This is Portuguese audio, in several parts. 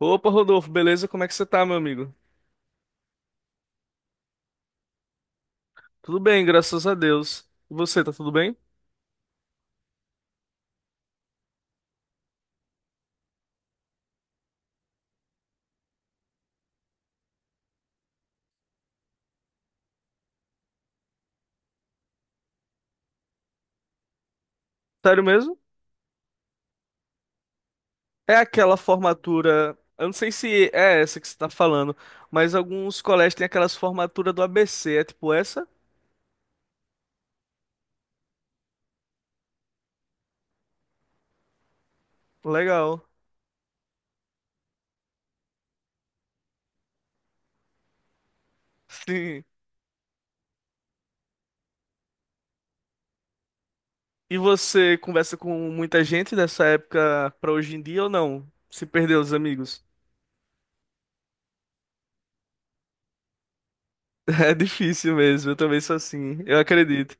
Opa, Rodolfo, beleza? Como é que você tá, meu amigo? Tudo bem, graças a Deus. E você, tá tudo bem? Sério mesmo? É aquela formatura. Eu não sei se é essa que você tá falando, mas alguns colégios têm aquelas formaturas do ABC. É tipo essa? Legal. Sim. E você conversa com muita gente dessa época pra hoje em dia ou não? Se perdeu os amigos? É difícil mesmo, eu também sou assim, eu acredito.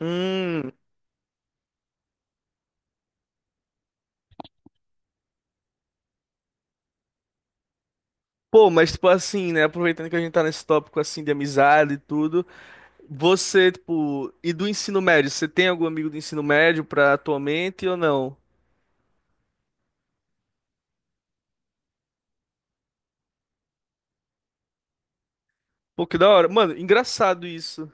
Hum. Pô, mas tipo assim, né? Aproveitando que a gente tá nesse tópico assim de amizade e tudo. Você, tipo, e do ensino médio, você tem algum amigo do ensino médio pra atualmente ou não? Pô, que da hora. Mano, engraçado isso.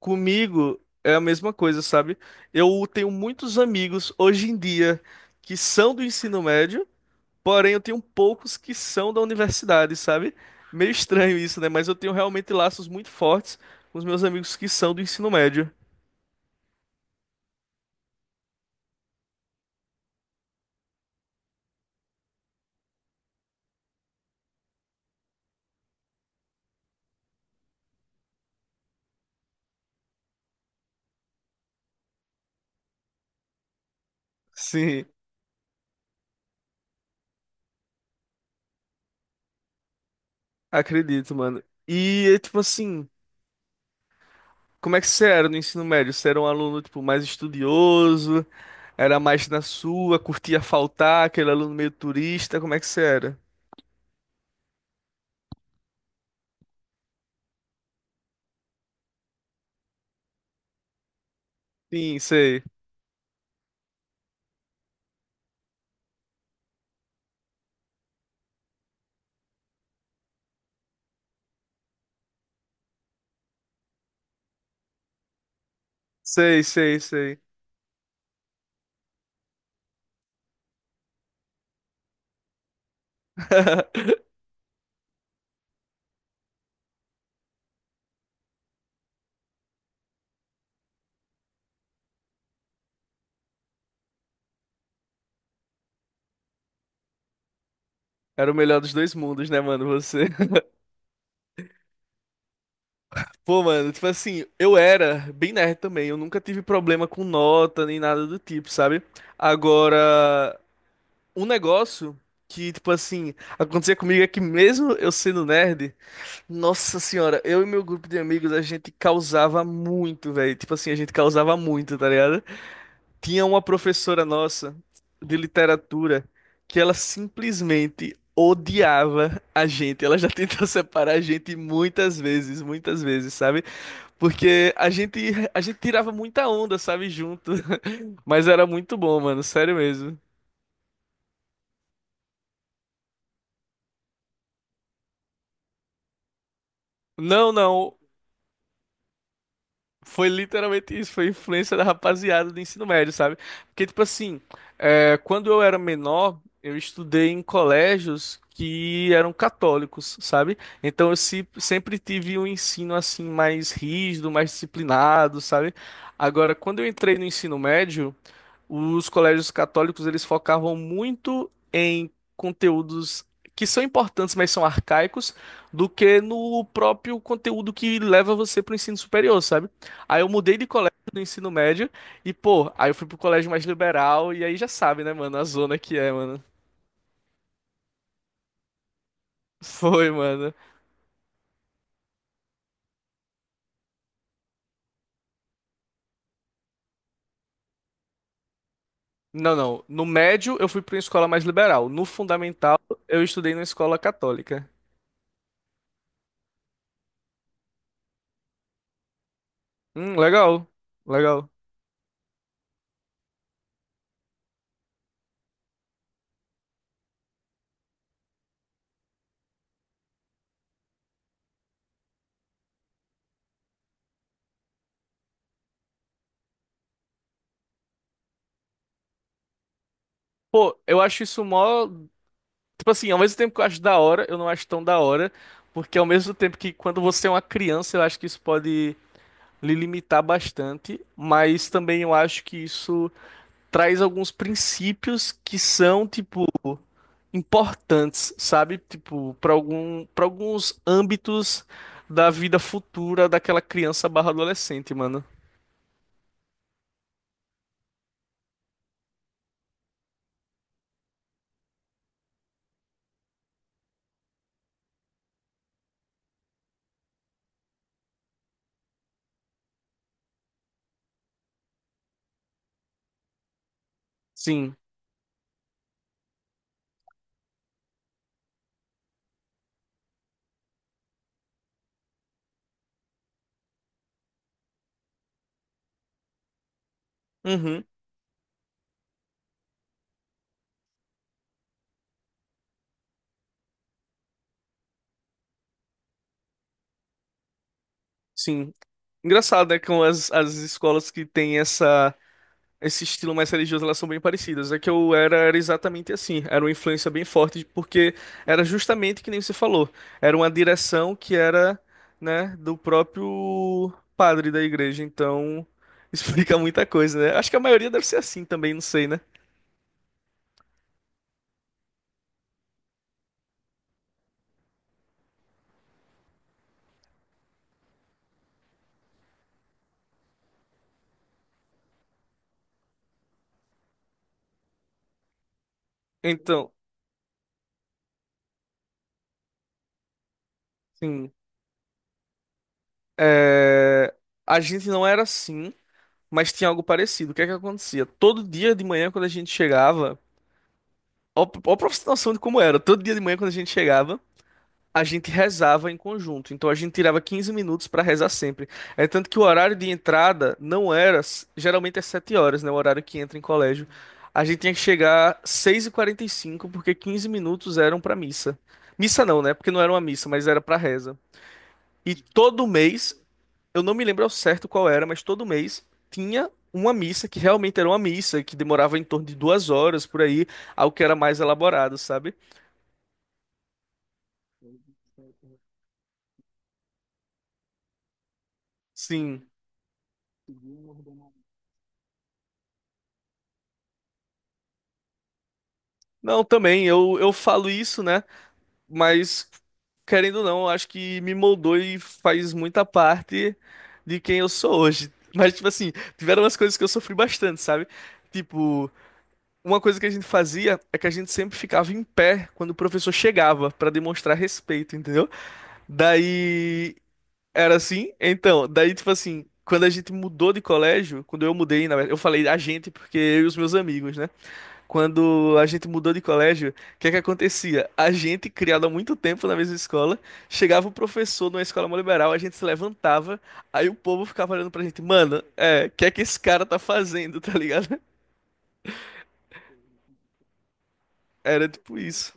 Comigo é a mesma coisa, sabe? Eu tenho muitos amigos hoje em dia que são do ensino médio, porém eu tenho poucos que são da universidade, sabe? Meio estranho isso, né? Mas eu tenho realmente laços muito fortes com os meus amigos que são do ensino médio. Sim, acredito, mano. E é tipo assim. Como é que você era no ensino médio? Você era um aluno, tipo, mais estudioso? Era mais na sua, curtia faltar, aquele aluno meio turista? Como é que você era? Sim, sei. Sei, sei, sei. Era o melhor dos dois mundos, né, mano? Você. Pô, mano, tipo assim, eu era bem nerd também. Eu nunca tive problema com nota nem nada do tipo, sabe? Agora, um negócio que, tipo assim, acontecia comigo é que mesmo eu sendo nerd. Nossa senhora, eu e meu grupo de amigos, a gente causava muito, velho. Tipo assim, a gente causava muito, tá ligado? Tinha uma professora nossa de literatura que ela simplesmente odiava a gente. Ela já tentou separar a gente muitas vezes, sabe? Porque a gente tirava muita onda, sabe, junto. Mas era muito bom, mano, sério mesmo. Não, não. Foi literalmente isso, foi influência da rapaziada do ensino médio, sabe? Porque, tipo assim, quando eu era menor, eu estudei em colégios que eram católicos, sabe? Então eu se- sempre tive um ensino assim mais rígido, mais disciplinado, sabe? Agora, quando eu entrei no ensino médio, os colégios católicos, eles focavam muito em conteúdos que são importantes, mas são arcaicos, do que no próprio conteúdo que leva você para o ensino superior, sabe? Aí eu mudei de colégio do ensino médio e, pô, aí eu fui pro colégio mais liberal e aí já sabe, né, mano, a zona que é, mano. Foi, mano. Não, não. No médio eu fui para uma escola mais liberal. No fundamental eu estudei numa escola católica. Legal. Legal. Pô, eu acho isso mó. Tipo assim, ao mesmo tempo que eu acho da hora, eu não acho tão da hora, porque ao mesmo tempo que quando você é uma criança, eu acho que isso pode lhe limitar bastante, mas também eu acho que isso traz alguns princípios que são, tipo, importantes, sabe? Tipo, para algum, para alguns âmbitos da vida futura daquela criança barra adolescente, mano. Sim. Uhum. Sim. Engraçado, né? Com as escolas que têm essa. Esse estilo mais religioso, elas são bem parecidas. É que eu era exatamente assim. Era uma influência bem forte, porque era justamente que nem você falou. Era uma direção que era, né, do próprio padre da igreja. Então, explica muita coisa, né? Acho que a maioria deve ser assim também, não sei, né? Então, sim. é, A gente não era assim, mas tinha algo parecido. O que é que acontecia? Todo dia de manhã, quando a gente chegava. Ó, ó pra você ter noção de como era. Todo dia de manhã, quando a gente chegava, a gente rezava em conjunto, então a gente tirava 15 minutos para rezar sempre. É tanto que o horário de entrada não era, geralmente é 7 horas, né, o horário que entra em colégio. A gente tinha que chegar 6:45 porque 15 minutos eram para missa. Missa não, né? Porque não era uma missa, mas era para reza. E todo mês, eu não me lembro ao certo qual era, mas todo mês tinha uma missa que realmente era uma missa, que demorava em torno de 2 horas por aí, algo que era mais elaborado, sabe? Sim. Não, também, eu falo isso, né? Mas, querendo ou não, eu acho que me moldou e faz muita parte de quem eu sou hoje. Mas, tipo assim, tiveram umas coisas que eu sofri bastante, sabe? Tipo, uma coisa que a gente fazia é que a gente sempre ficava em pé quando o professor chegava pra demonstrar respeito, entendeu? Daí era assim, então, daí tipo assim, quando a gente mudou de colégio, quando eu mudei, na verdade, eu falei a gente porque eu e os meus amigos, né? Quando a gente mudou de colégio, o que é que acontecia? A gente, criado há muito tempo na mesma escola, chegava o professor numa escola mó liberal, a gente se levantava, aí o povo ficava olhando pra gente, mano, é, o que é que esse cara tá fazendo, tá ligado? Era tipo isso.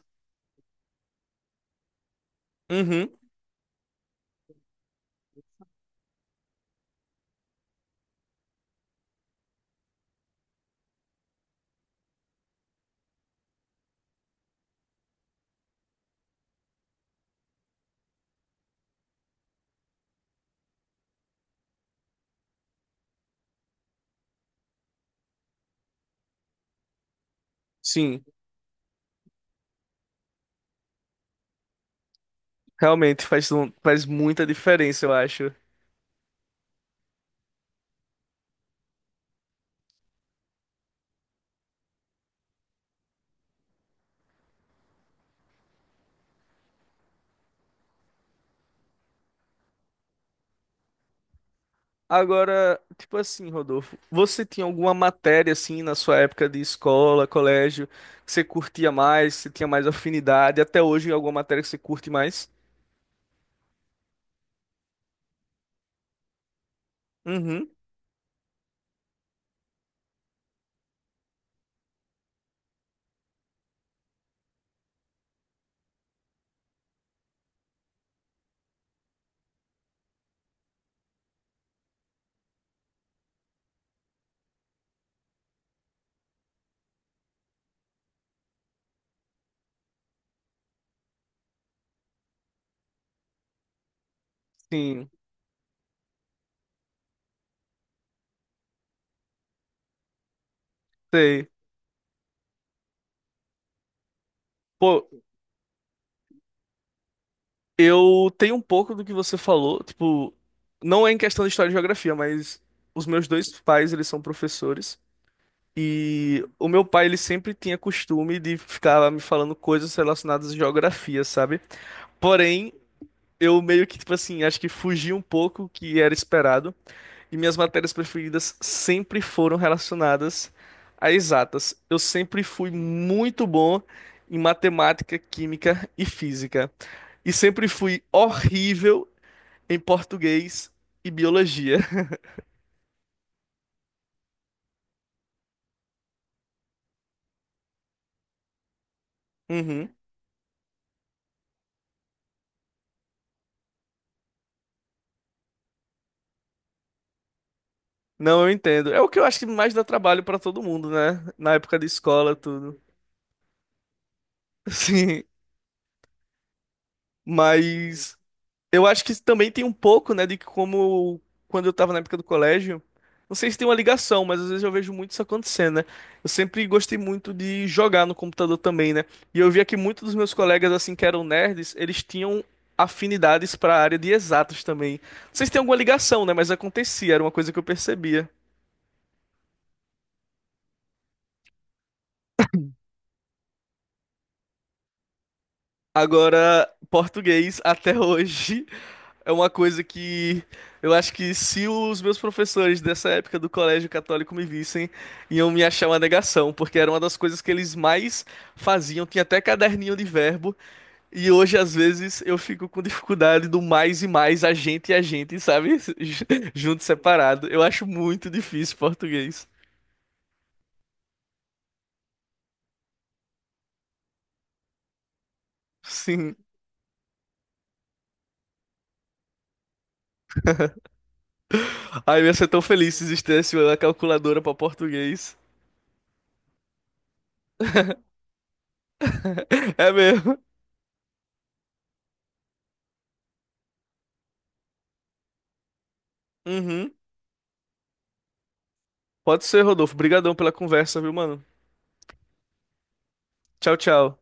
Uhum, sim, realmente faz, faz muita diferença, eu acho. Agora, tipo assim, Rodolfo, você tinha alguma matéria assim na sua época de escola, colégio, que você curtia mais, que você tinha mais afinidade, até hoje alguma matéria que você curte mais? Uhum, sim, sei. Pô, eu tenho um pouco do que você falou, tipo, não é em questão de história e geografia, mas os meus dois pais, eles são professores, e o meu pai, ele sempre tinha costume de ficar me falando coisas relacionadas à geografia, sabe? Porém, eu meio que, tipo assim, acho que fugi um pouco o que era esperado. E minhas matérias preferidas sempre foram relacionadas a exatas. Eu sempre fui muito bom em matemática, química e física. E sempre fui horrível em português e biologia. Uhum. Não, eu entendo. É o que eu acho que mais dá trabalho pra todo mundo, né? Na época da escola, tudo. Sim, mas eu acho que isso também tem um pouco, né, de que como quando eu tava na época do colégio, não sei se tem uma ligação, mas às vezes eu vejo muito isso acontecendo, né? Eu sempre gostei muito de jogar no computador também, né? E eu via que muitos dos meus colegas, assim, que eram nerds, eles tinham afinidades para a área de exatas também. Não sei se tem alguma ligação, né, mas acontecia, era uma coisa que eu percebia. Agora, português até hoje é uma coisa que eu acho que se os meus professores dessa época do colégio católico me vissem, iam me achar uma negação, porque era uma das coisas que eles mais faziam. Tinha até caderninho de verbo, e hoje às vezes eu fico com dificuldade do mais e mais, a gente e a gente, sabe? Junto, separado. Eu acho muito difícil português. Sim. Ai, eu ia ser tão feliz se existisse uma calculadora para português. É mesmo. Uhum. Pode ser, Rodolfo. Obrigadão pela conversa, viu, mano? Tchau, tchau.